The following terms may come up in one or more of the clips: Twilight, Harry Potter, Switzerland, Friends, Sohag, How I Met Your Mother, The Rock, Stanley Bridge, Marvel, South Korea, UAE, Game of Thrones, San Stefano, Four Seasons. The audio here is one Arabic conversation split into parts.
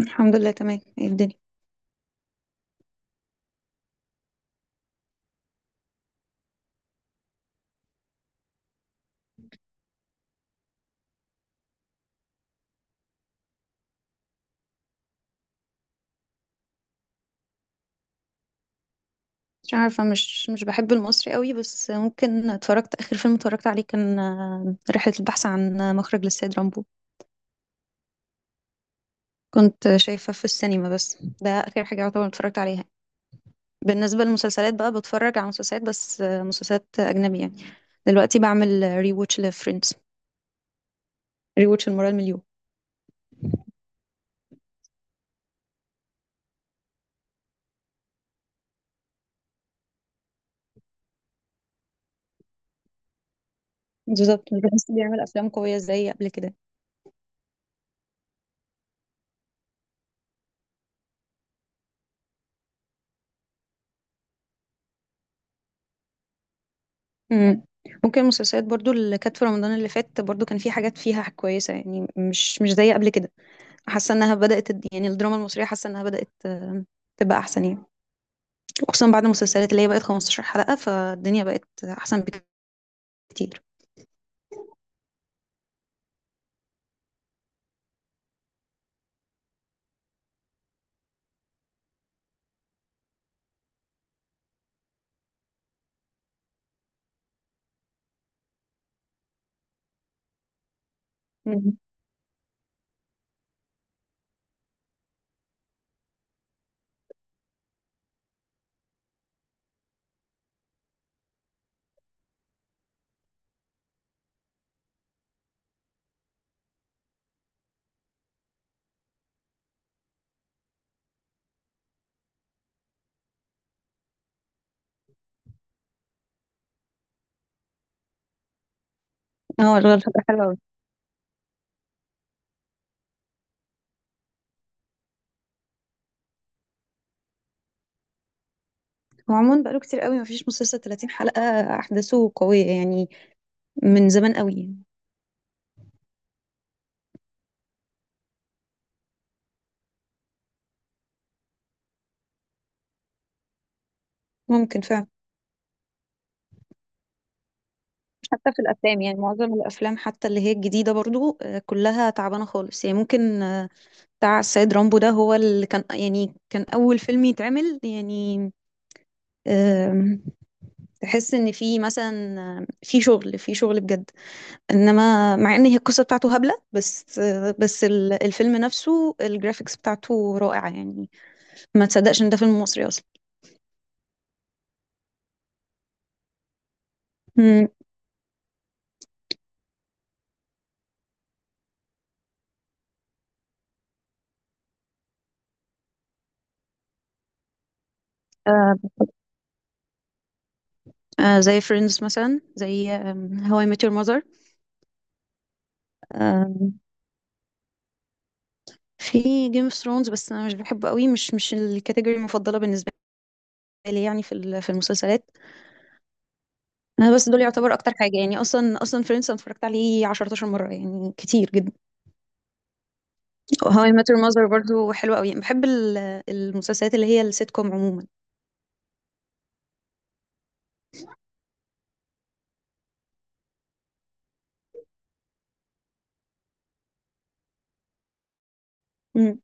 الحمد لله تمام. ايه الدنيا؟ مش عارفة. مش بحب المصري قوي، بس ممكن اتفرجت. آخر فيلم اتفرجت عليه كان رحلة البحث عن مخرج للسيد رامبو. كنت شايفة في السينما، بس ده آخر حاجة يعتبر اتفرجت عليها. بالنسبة للمسلسلات بقى، بتفرج على مسلسلات، بس مسلسلات أجنبية يعني. دلوقتي بعمل ري ووتش لفريندز، ري ووتش المرة المليون. بالظبط، مش بحس بيعمل أفلام قوية زي قبل كده. مم. ممكن المسلسلات برضو اللي كانت في رمضان اللي فات، برضو كان في حاجات فيها كويسة يعني، مش زي قبل كده. حاسة انها بدأت يعني الدراما المصرية حاسة انها بدأت تبقى احسن يعني. وخصوصا بعد المسلسلات اللي هي بقت 15 حلقة، فالدنيا بقت احسن بكتير. مم. اه الغرفة حلوة. وعموما بقاله كتير قوي مفيش مسلسل 30 حلقة أحداثه قوية يعني، من زمان قوي يعني. ممكن فعلا. حتى في الأفلام يعني معظم الأفلام حتى اللي هي الجديدة برضو كلها تعبانة خالص يعني. ممكن بتاع السيد رامبو ده هو اللي كان يعني، كان أول فيلم يتعمل يعني. آم، تحس إن في مثلا في شغل في شغل بجد. إنما مع إن هي القصة بتاعته هبلة، بس الفيلم نفسه الجرافيكس بتاعته رائعة يعني. ما تصدقش إن ده فيلم مصري أصلا. مم. آه، زي فريندز مثلا، زي هواي I Met Your Mother. آم، في جيم اوف ثرونز، بس انا مش بحبه قوي. مش الكاتيجوري المفضله بالنسبه لي يعني، في المسلسلات. انا بس دول يعتبر اكتر حاجه يعني. اصلا اصلا فريندز انا اتفرجت عليه 10 مره يعني، كتير جدا. هواي I Met Your Mother برضو حلوه قوي. بحب المسلسلات اللي هي السيت كوم عموما. مم.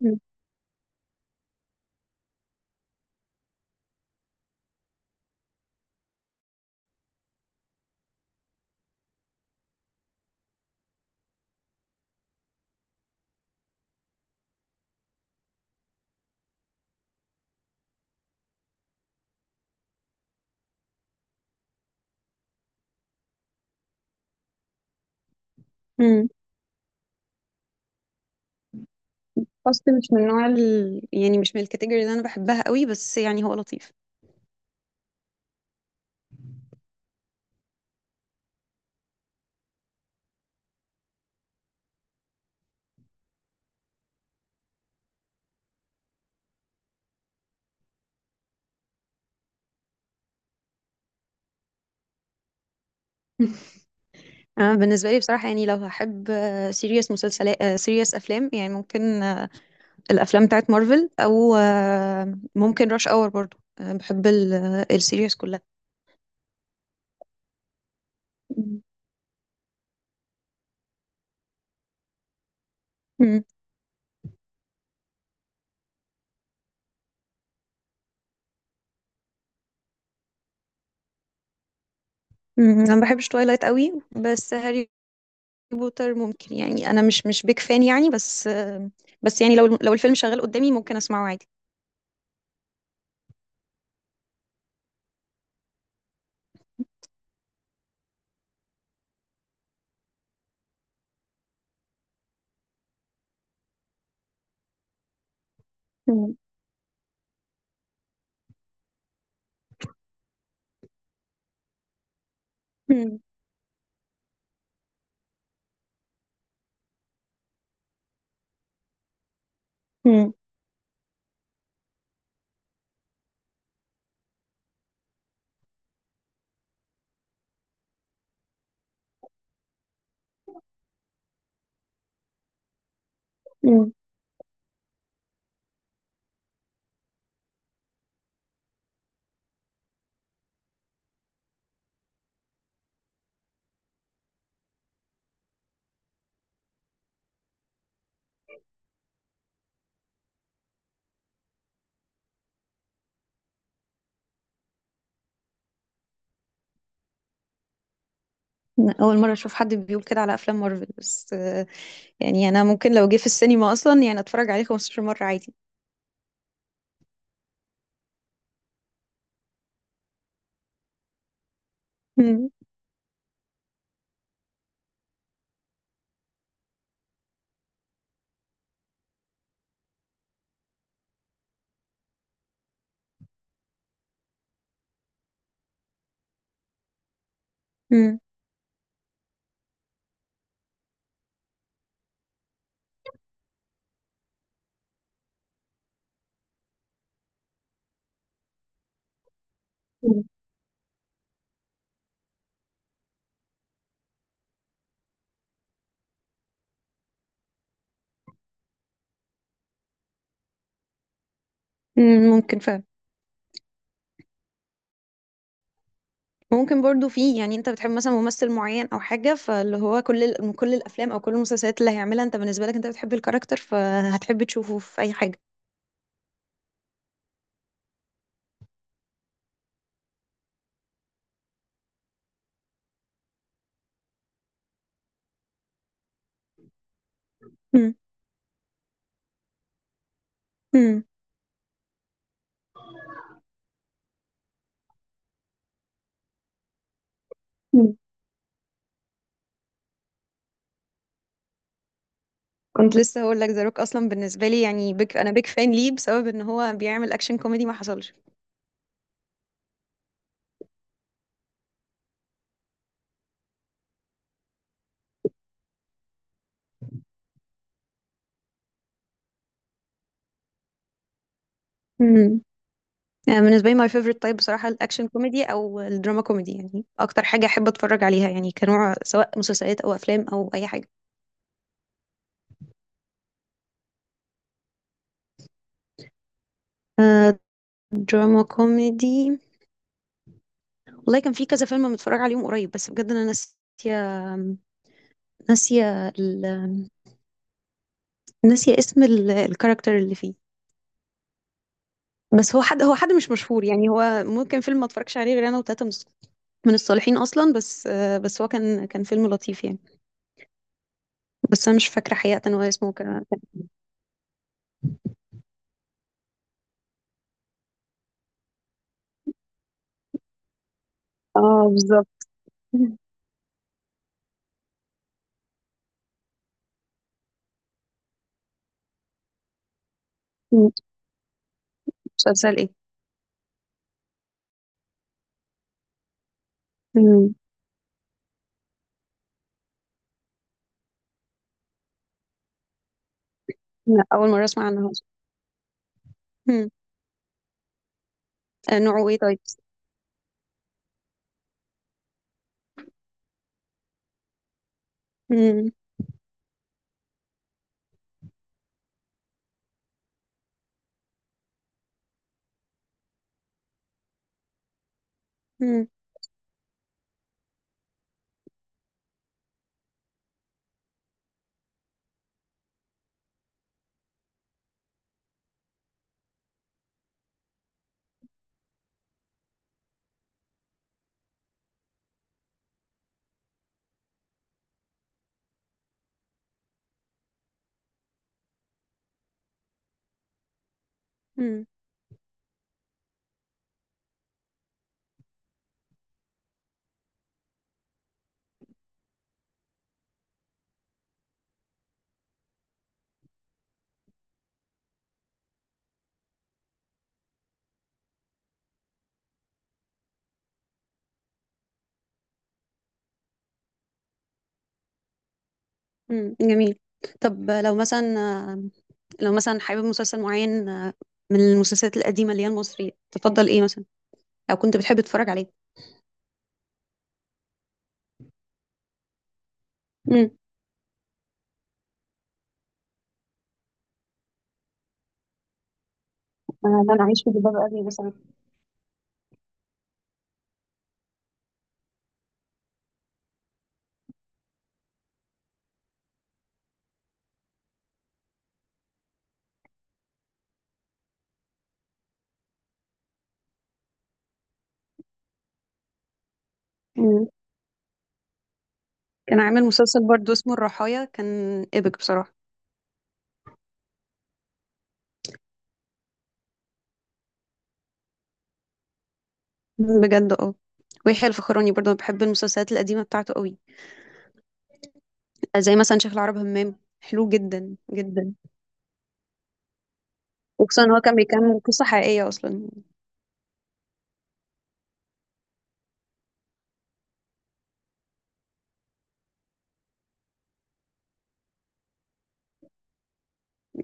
مم. مم. فاست مش من نوع يعني مش من الكاتيجوري اللي انا بحبها قوي، بس يعني هو لطيف. انا بالنسبه لي بصراحه يعني، لو هحب سيريس مسلسلات، سيريس افلام يعني، ممكن الافلام بتاعت مارفل، او ممكن راش اور برضو، بحب السيريس كلها. مم. مم. مم. انا ما بحبش تويلايت قوي، بس هاري بوتر ممكن يعني، انا مش بيك فان يعني، بس يعني لو الفيلم شغال قدامي، ممكن اسمعه عادي. مم. مم. مم. مم. اول مره اشوف حد بيقول كده على افلام مارفل، بس يعني انا ممكن لو جه في السينما اصلا يعني اتفرج عليه 15 مره عادي. مم. مم. ممكن فعلا. ممكن برضو، في يعني انت بتحب مثلا ممثل معين او حاجه، فاللي هو من كل الافلام او كل المسلسلات اللي هيعملها، انت بالنسبه لك انت بتحب الكاركتر، فهتحب تشوفه في اي حاجه. مم. مم. مم. كنت لسه هقول لك ذا روك اصلا. بالنسبه لي يعني انا بيك فان ليه؟ بسبب ان هو بيعمل اكشن كوميدي ما حصلش. امم يعني بالنسبه لي ماي فيفورت تايب بصراحه الاكشن كوميدي او الدراما كوميدي، يعني اكتر حاجه احب اتفرج عليها يعني كنوع، سواء مسلسلات او افلام او اي حاجه. آه، دراما كوميدي. والله كان في كذا فيلم متفرج عليهم قريب، بس بجد انا ناسيه، ناسيه ال... ناسيه اسم الكاركتر اللي فيه. بس هو حد مش مشهور يعني. هو ممكن فيلم ما اتفرجش عليه غير انا وتلاته من الصالحين اصلا. بس هو كان فيلم لطيف يعني. بس انا مش فاكره حقيقه هو اسمه كان. اه بالظبط. مم. مسلسل ايه؟ مم. لا اول مره اسمع عنه. مم. نوعه ايه طيب؟ مم. مم. مم. مم. جميل. طب لو مثلا حابب مسلسل معين من المسلسلات القديمة اللي هي المصرية، تفضل ايه مثلا؟ او كنت بتحب تتفرج عليه؟ امم انا عايش في جلباب ابي مثلا. مم. كان عامل مسلسل برضو اسمه الرحايا، كان ايبك بصراحة. مم، بجد اه. ويحيى الفخراني برضو أنا بحب المسلسلات القديمة بتاعته قوي، زي مثلا شيخ العرب همام، حلو جدا جدا. وخصوصا إن هو كان بيكمل قصة حقيقية اصلا.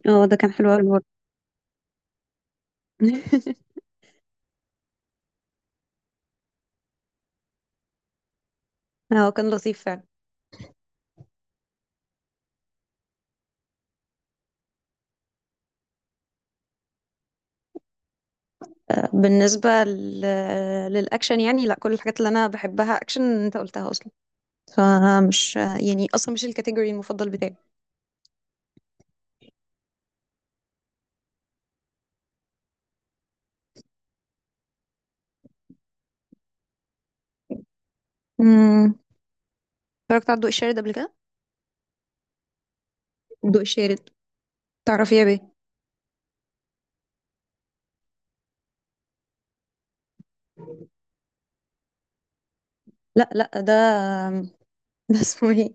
اه ده كان حلو قوي برضه. هو كان لطيف فعلا. بالنسبة للأكشن يعني، لا كل الحاجات اللي أنا بحبها أكشن أنت قلتها أصلا، فمش يعني أصلا مش الكاتيجوري المفضل بتاعي. أمم، اتفرجت على الضوء الشارد قبل كده. الضوء الشارد، تعرفي يا بيه. لا لا، ده ده اسمه ايه؟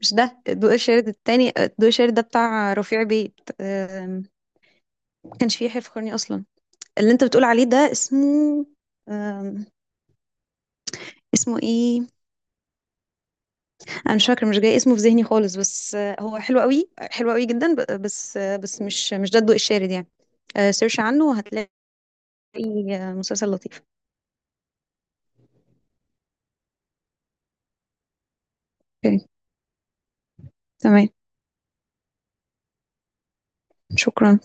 مش ده الضوء الشارد. التاني الضوء الشارد ده بتاع رفيع بيت. ما كانش فيه يحيى فخرني أصلا. اللي أنت بتقول عليه ده اسمه أم، اسمه ايه؟ انا مش فاكره، مش جاي اسمه في ذهني خالص. بس هو حلو قوي، حلو قوي جدا. بس مش ده الضوء الشارد يعني. سيرش عنه وهتلاقي. مسلسل لطيف. اوكي، تمام، شكرا.